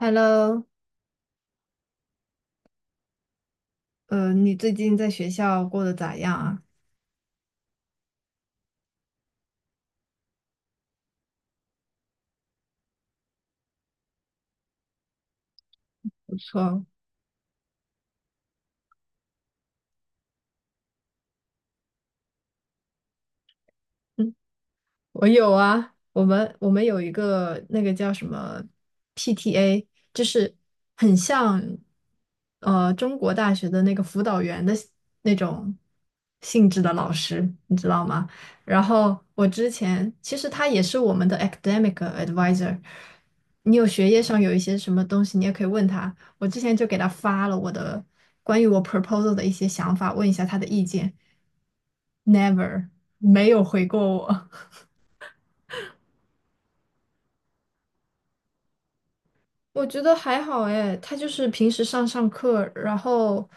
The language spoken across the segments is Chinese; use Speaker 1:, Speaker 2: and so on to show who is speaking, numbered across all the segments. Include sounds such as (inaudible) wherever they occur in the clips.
Speaker 1: Hello。你最近在学校过得咋样啊？不错。我有啊，我们有一个那个叫什么 PTA,就是很像中国大学的那个辅导员的那种性质的老师，你知道吗？然后我之前其实他也是我们的 academic advisor,你有学业上有一些什么东西，你也可以问他。我之前就给他发了我的关于我 proposal 的一些想法，问一下他的意见，never 没有回过我。我觉得还好哎，他就是平时上课，然后，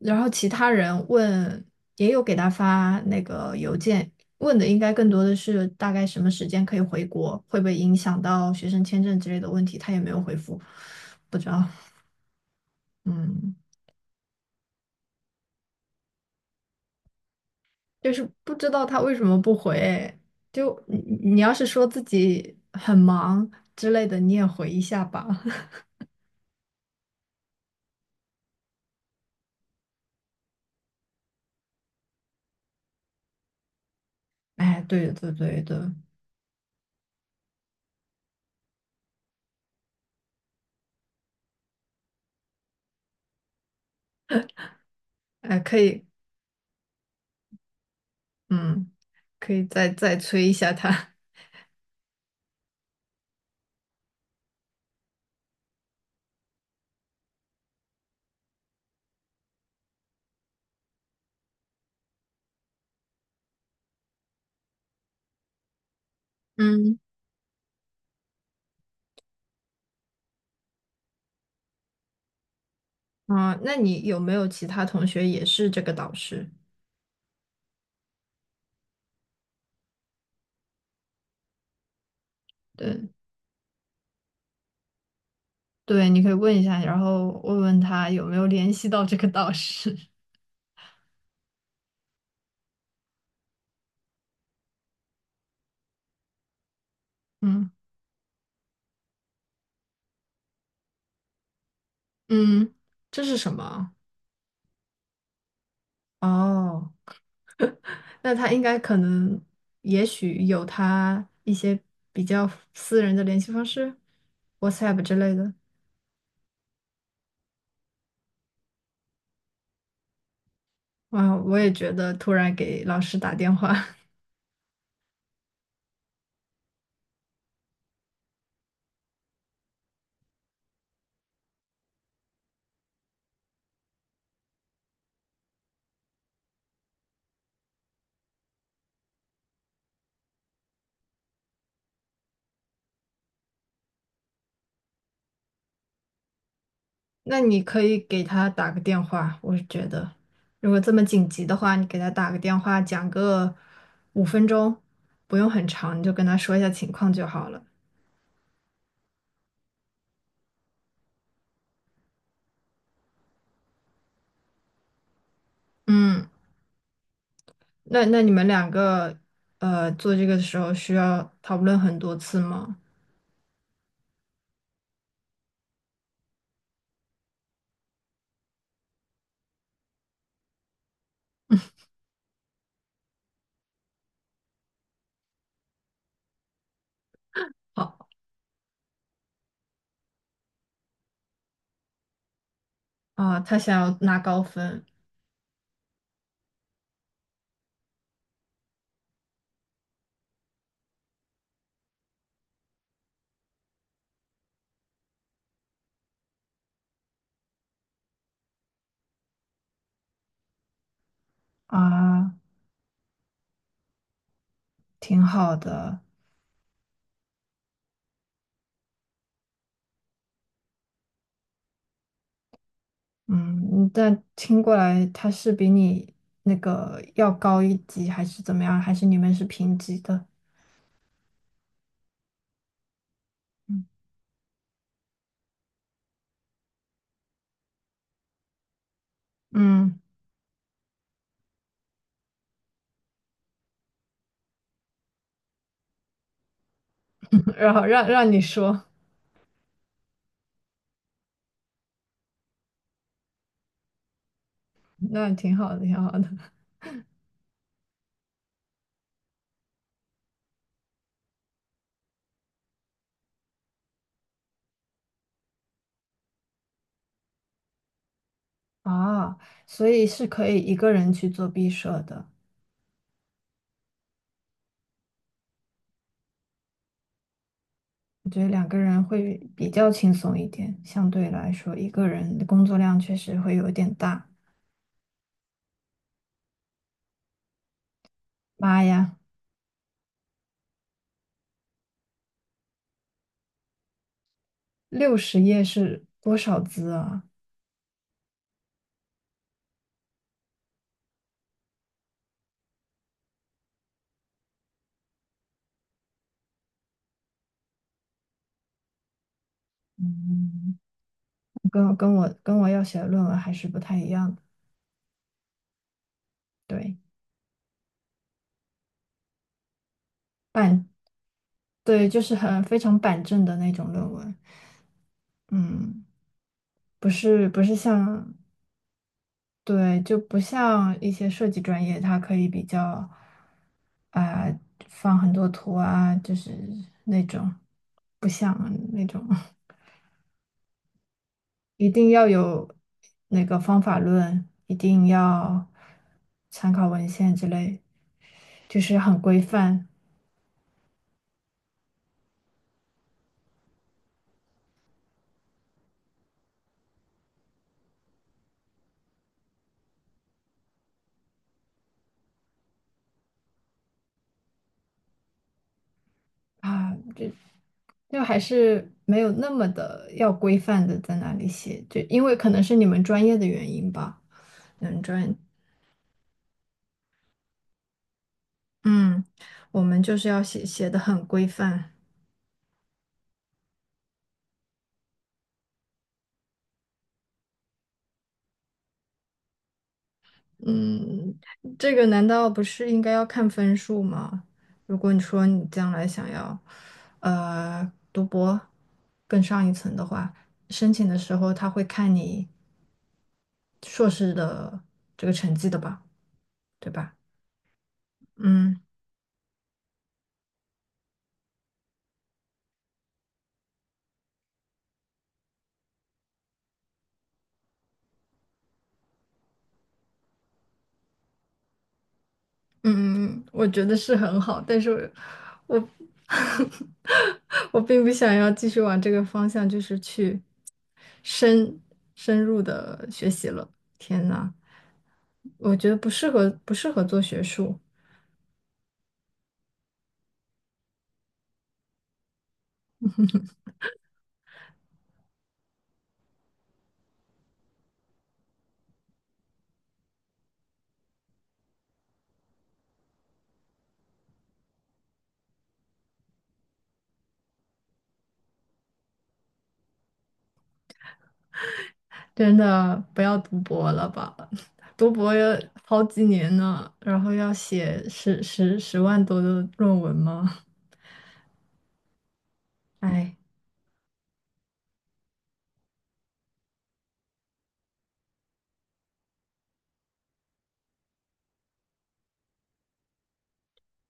Speaker 1: 然后其他人问，也有给他发那个邮件，问的应该更多的是大概什么时间可以回国，会不会影响到学生签证之类的问题，他也没有回复，不知道。嗯。就是不知道他为什么不回。哎，就你，你要是说自己很忙之类的，你也回一下吧。(laughs) 哎，对对对对。哎，可以。嗯。可以再催一下他。(laughs) 嗯。啊，那你有没有其他同学也是这个导师？对对，你可以问一下，然后问问他有没有联系到这个导师。(laughs) 嗯嗯，这是什么？哦，那他应该可能，也许有他一些比较私人的联系方式，WhatsApp 之类的。哇，我也觉得突然给老师打电话。(laughs) 那你可以给他打个电话，我是觉得，如果这么紧急的话，你给他打个电话，讲个5分钟，不用很长，你就跟他说一下情况就好了。嗯，那你们两个，做这个的时候需要讨论很多次吗？好啊，他想要拿高分啊，挺好的。嗯，但听过来他是比你那个要高一级，还是怎么样？还是你们是平级的？嗯。嗯，然后让你说。那挺好的，挺好的。 (laughs) 啊，所以是可以一个人去做毕设的。我觉得两个人会比较轻松一点，相对来说，一个人的工作量确实会有点大。妈呀，60页是多少字啊？嗯，跟我要写的论文还是不太一样的。对，板，对，就是很非常板正的那种论文。嗯，不是像。对，就不像一些设计专业，它可以比较，啊、放很多图啊，就是那种，不像那种。(laughs) 一定要有那个方法论，一定要参考文献之类，就是很规范啊。就就还是没有那么的要规范的在那里写，就因为可能是你们专业的原因吧，你们专，嗯，我们就是要写的很规范。嗯，这个难道不是应该要看分数吗？如果你说你将来想要，读博更上一层的话，申请的时候他会看你硕士的这个成绩的吧，对吧？嗯。嗯，我觉得是很好，但是我， (laughs) 我并不想要继续往这个方向，就是去深深入的学习了。天呐，我觉得不适合，不适合做学术。真的不要读博了吧，(laughs) 读博要好几年呢，然后要写10万多的论文吗？(laughs) 哎。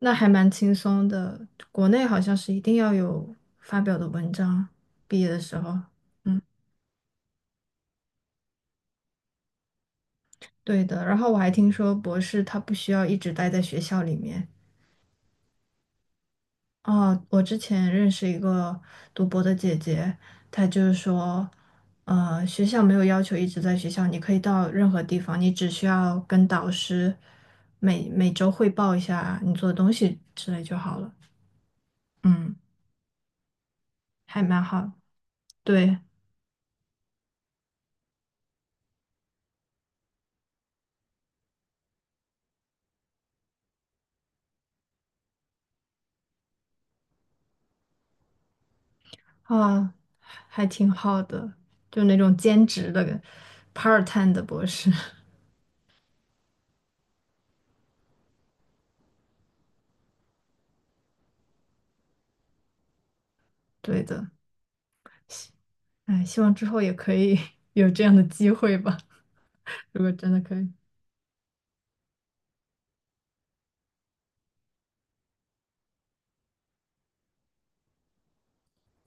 Speaker 1: 那还蛮轻松的。国内好像是一定要有发表的文章，毕业的时候。嗯，对的。然后我还听说博士他不需要一直待在学校里面。哦，我之前认识一个读博的姐姐，她就是说，学校没有要求一直在学校，你可以到任何地方，你只需要跟导师每周汇报一下你做的东西之类就好了。嗯，还蛮好，对。啊，还挺好的，就那种兼职的 part time 的博士。(laughs) 对的，哎，希望之后也可以 (laughs) 有这样的机会吧，(laughs) 如果真的可以。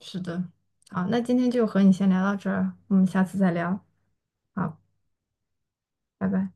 Speaker 1: 是的。好，那今天就和你先聊到这儿，我们下次再聊。好，拜拜。